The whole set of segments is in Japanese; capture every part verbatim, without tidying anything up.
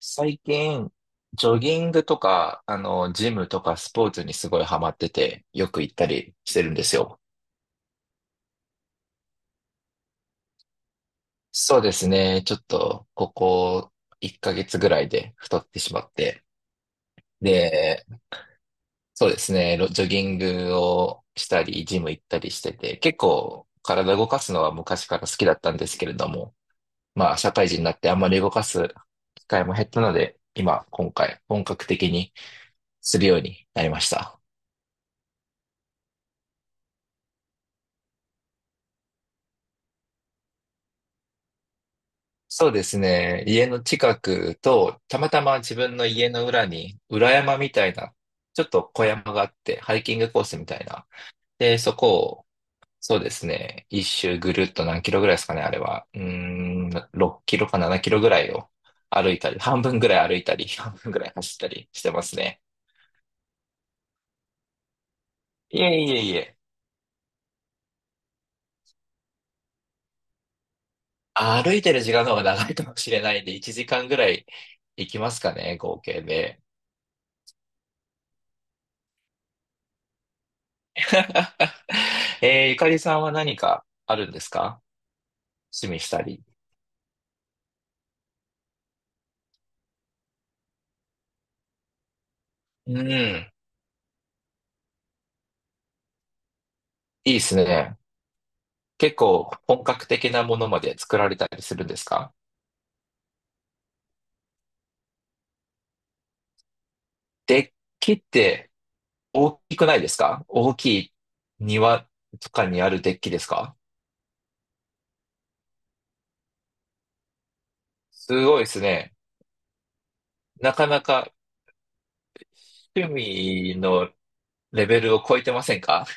最近、ジョギングとか、あの、ジムとかスポーツにすごいハマってて、よく行ったりしてるんですよ。そうですね。ちょっと、ここいっかげつぐらいで太ってしまって。で、そうですね。ロジョギングをしたり、ジム行ったりしてて、結構体動かすのは昔から好きだったんですけれども、まあ、社会人になってあんまり動かす機会も減ったので、今、今回、本格的にするようになりました。そうですね。家の近くと、たまたま自分の家の裏に、裏山みたいな、ちょっと小山があって、ハイキングコースみたいな。で、そこを、そうですね。一周ぐるっと何キロぐらいですかね、あれは。うーん、ろっキロかななキロぐらいを歩いたり、半分ぐらい歩いたり、半分ぐらい走ったりしてますね。いえいえいえ。歩いてる時間の方が長いかもしれないんで、いちじかんぐらい行きますかね、合計で。えー、ゆかりさんは何かあるんですか？趣味したり。うん。いいですね。結構本格的なものまで作られたりするんですか？デッキって大きくないですか？大きい庭とかにあるデッキですか？すごいですね。なかなか趣味のレベルを超えてませんか？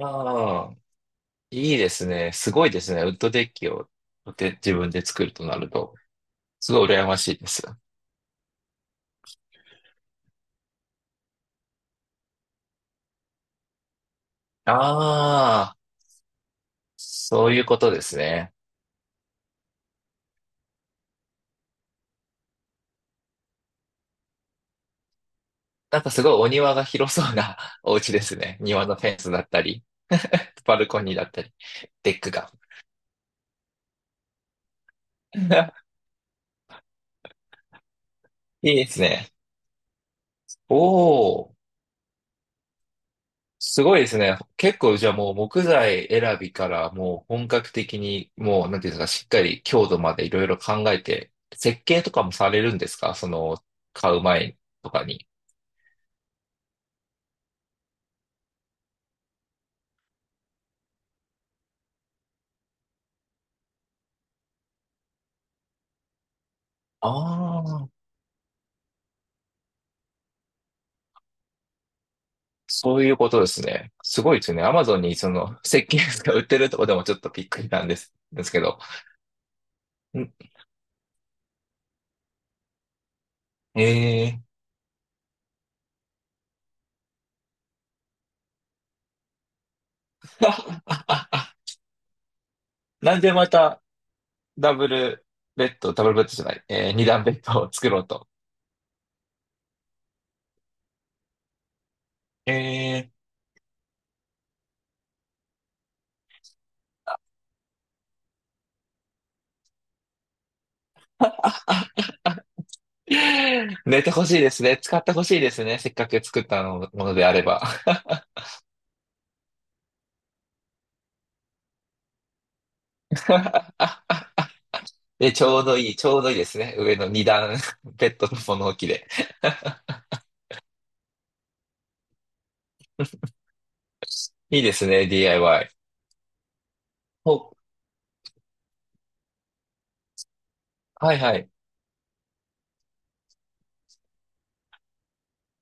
ああ、いいですね。すごいですね。ウッドデッキをで自分で作るとなると、すごい羨ましいです。あ、そういうことですね。なんかすごいお庭が広そうな お家ですね。庭のフェンスだったり、バルコニーだったり、デックが。いいですね。おー。すごいですね。結構じゃあもう木材選びからもう本格的にもうなんていうんですか、しっかり強度までいろいろ考えて、設計とかもされるんですか？その買う前とかに。ああ、そういうことですね。すごいですね。アマゾンにその設計図が売ってるとこでもちょっとびっくりなんです、ですけど。んええ。 なんでまたダブルベッド、ダブルベッドじゃない、えー、二段ベッドを作ろうと。えー、寝てほしいですね。使ってほしいですね。せっかく作ったのものであれば。で、ちょうどいい、ちょうどいいですね。上の二段 ベッドの物置で。いいですね、ディーアイワイ。お、ほはいはい。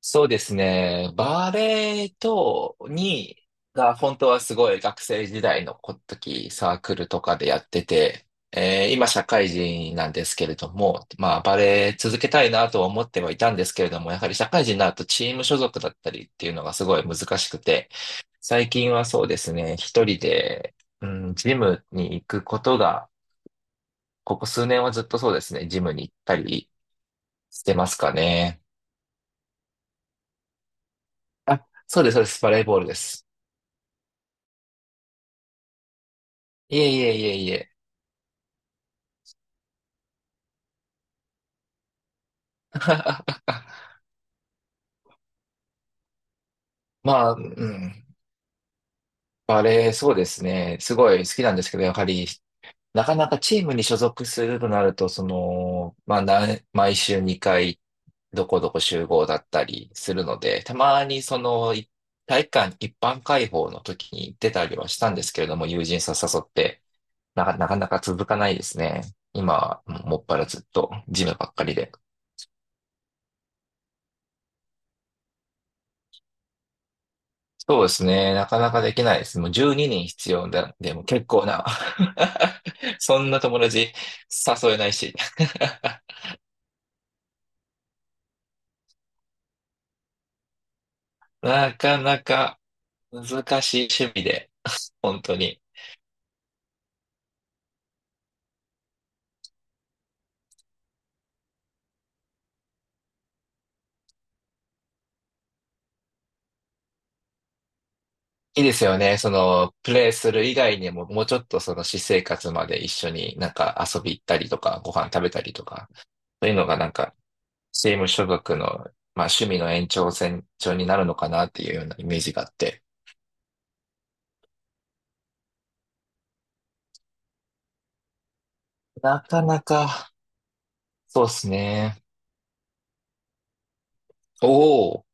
そうですね。バレエと、に、が、本当はすごい学生時代の時、サークルとかでやってて、えー今社会人なんですけれども、まあバレエ続けたいなとは思ってはいたんですけれども、やはり社会人になるとチーム所属だったりっていうのがすごい難しくて、最近はそうですね、一人で、うん、ジムに行くことが、ここ数年はずっとそうですね、ジムに行ったりしてますかね。あ、そうです、そうです、バレーボールです。いえいえいえいえ。まあ、うん。バレー、そうですね。すごい好きなんですけど、やはり、なかなかチームに所属するとなると、その、まあ、な毎週にかい、どこどこ集合だったりするので、たまにその、い体育館一般開放の時に出たりはしたんですけれども、友人さ誘って、なかなかなか続かないですね。今は、もっぱらずっと、ジムばっかりで。そうですね。なかなかできないです。もうじゅうににん必要だ。でも結構な。そんな友達誘えないし。なかなか難しい趣味で、本当に。いいですよね。その、プレイする以外にも、もうちょっとその私生活まで一緒になんか遊び行ったりとか、ご飯食べたりとか、そういうのがなんか、チーム所属の、まあ趣味の延長線上になるのかなっていうようなイメージがあって。なかなか、そうですね。おお。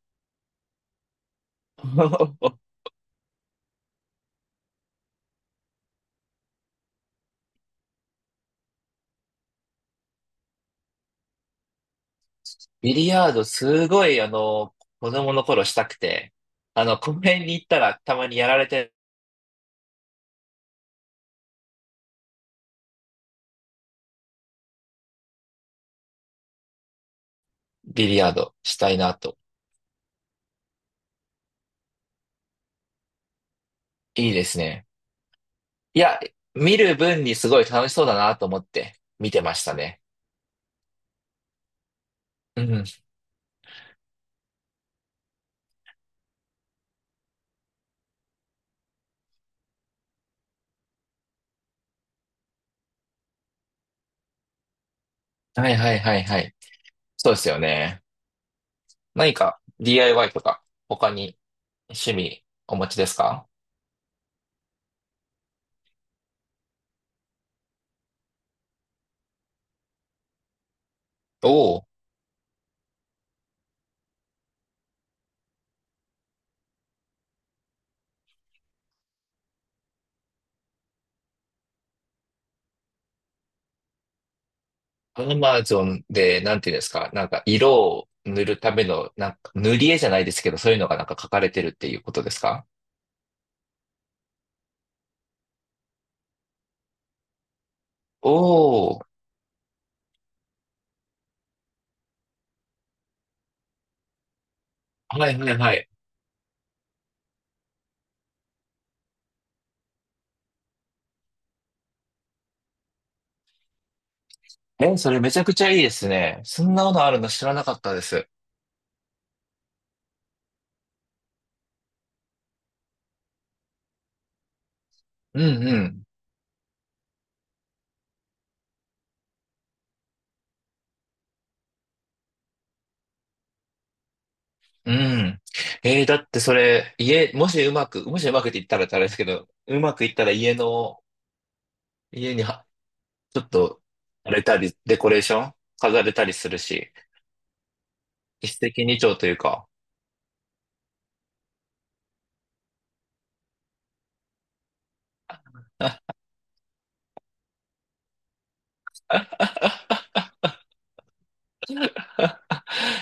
ビリヤードすごい、あの、子供の頃したくて、あの、公園に行ったらたまにやられてビリヤードしたいなと。いいですね。いや、見る分にすごい楽しそうだなと思って見てましたね。うん。はいはいはいはい。そうですよね。何か ディーアイワイ とか他に趣味お持ちですか？おお。ー、アマゾンでなんていうんですか、なんか色を塗るための、なんか塗り絵じゃないですけど、そういうのがなんか書かれてるっていうことですか？おー、はいはいはい。え、それめちゃくちゃいいですね。そんなものあるの知らなかったです。うんうん。うん。えーだってそれ、家、もしうまく、もしうまくって言ったらあれですけど、うまくいったら家の、家には、ちょっと、あれたり、デコレーション飾れたりするし、一石二鳥というか。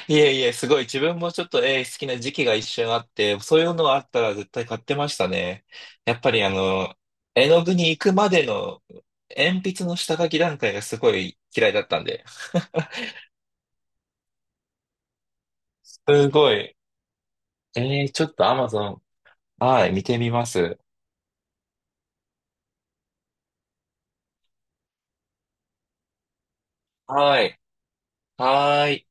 いえいえ、すごい。自分もちょっと絵好きな時期が一瞬あって、そういうのあったら絶対買ってましたね。やっぱりあの、絵の具に行くまでの鉛筆の下書き段階がすごい嫌いだったんで。すごい。えー、ちょっと Amazon、はい、見てみます。はい。はーい。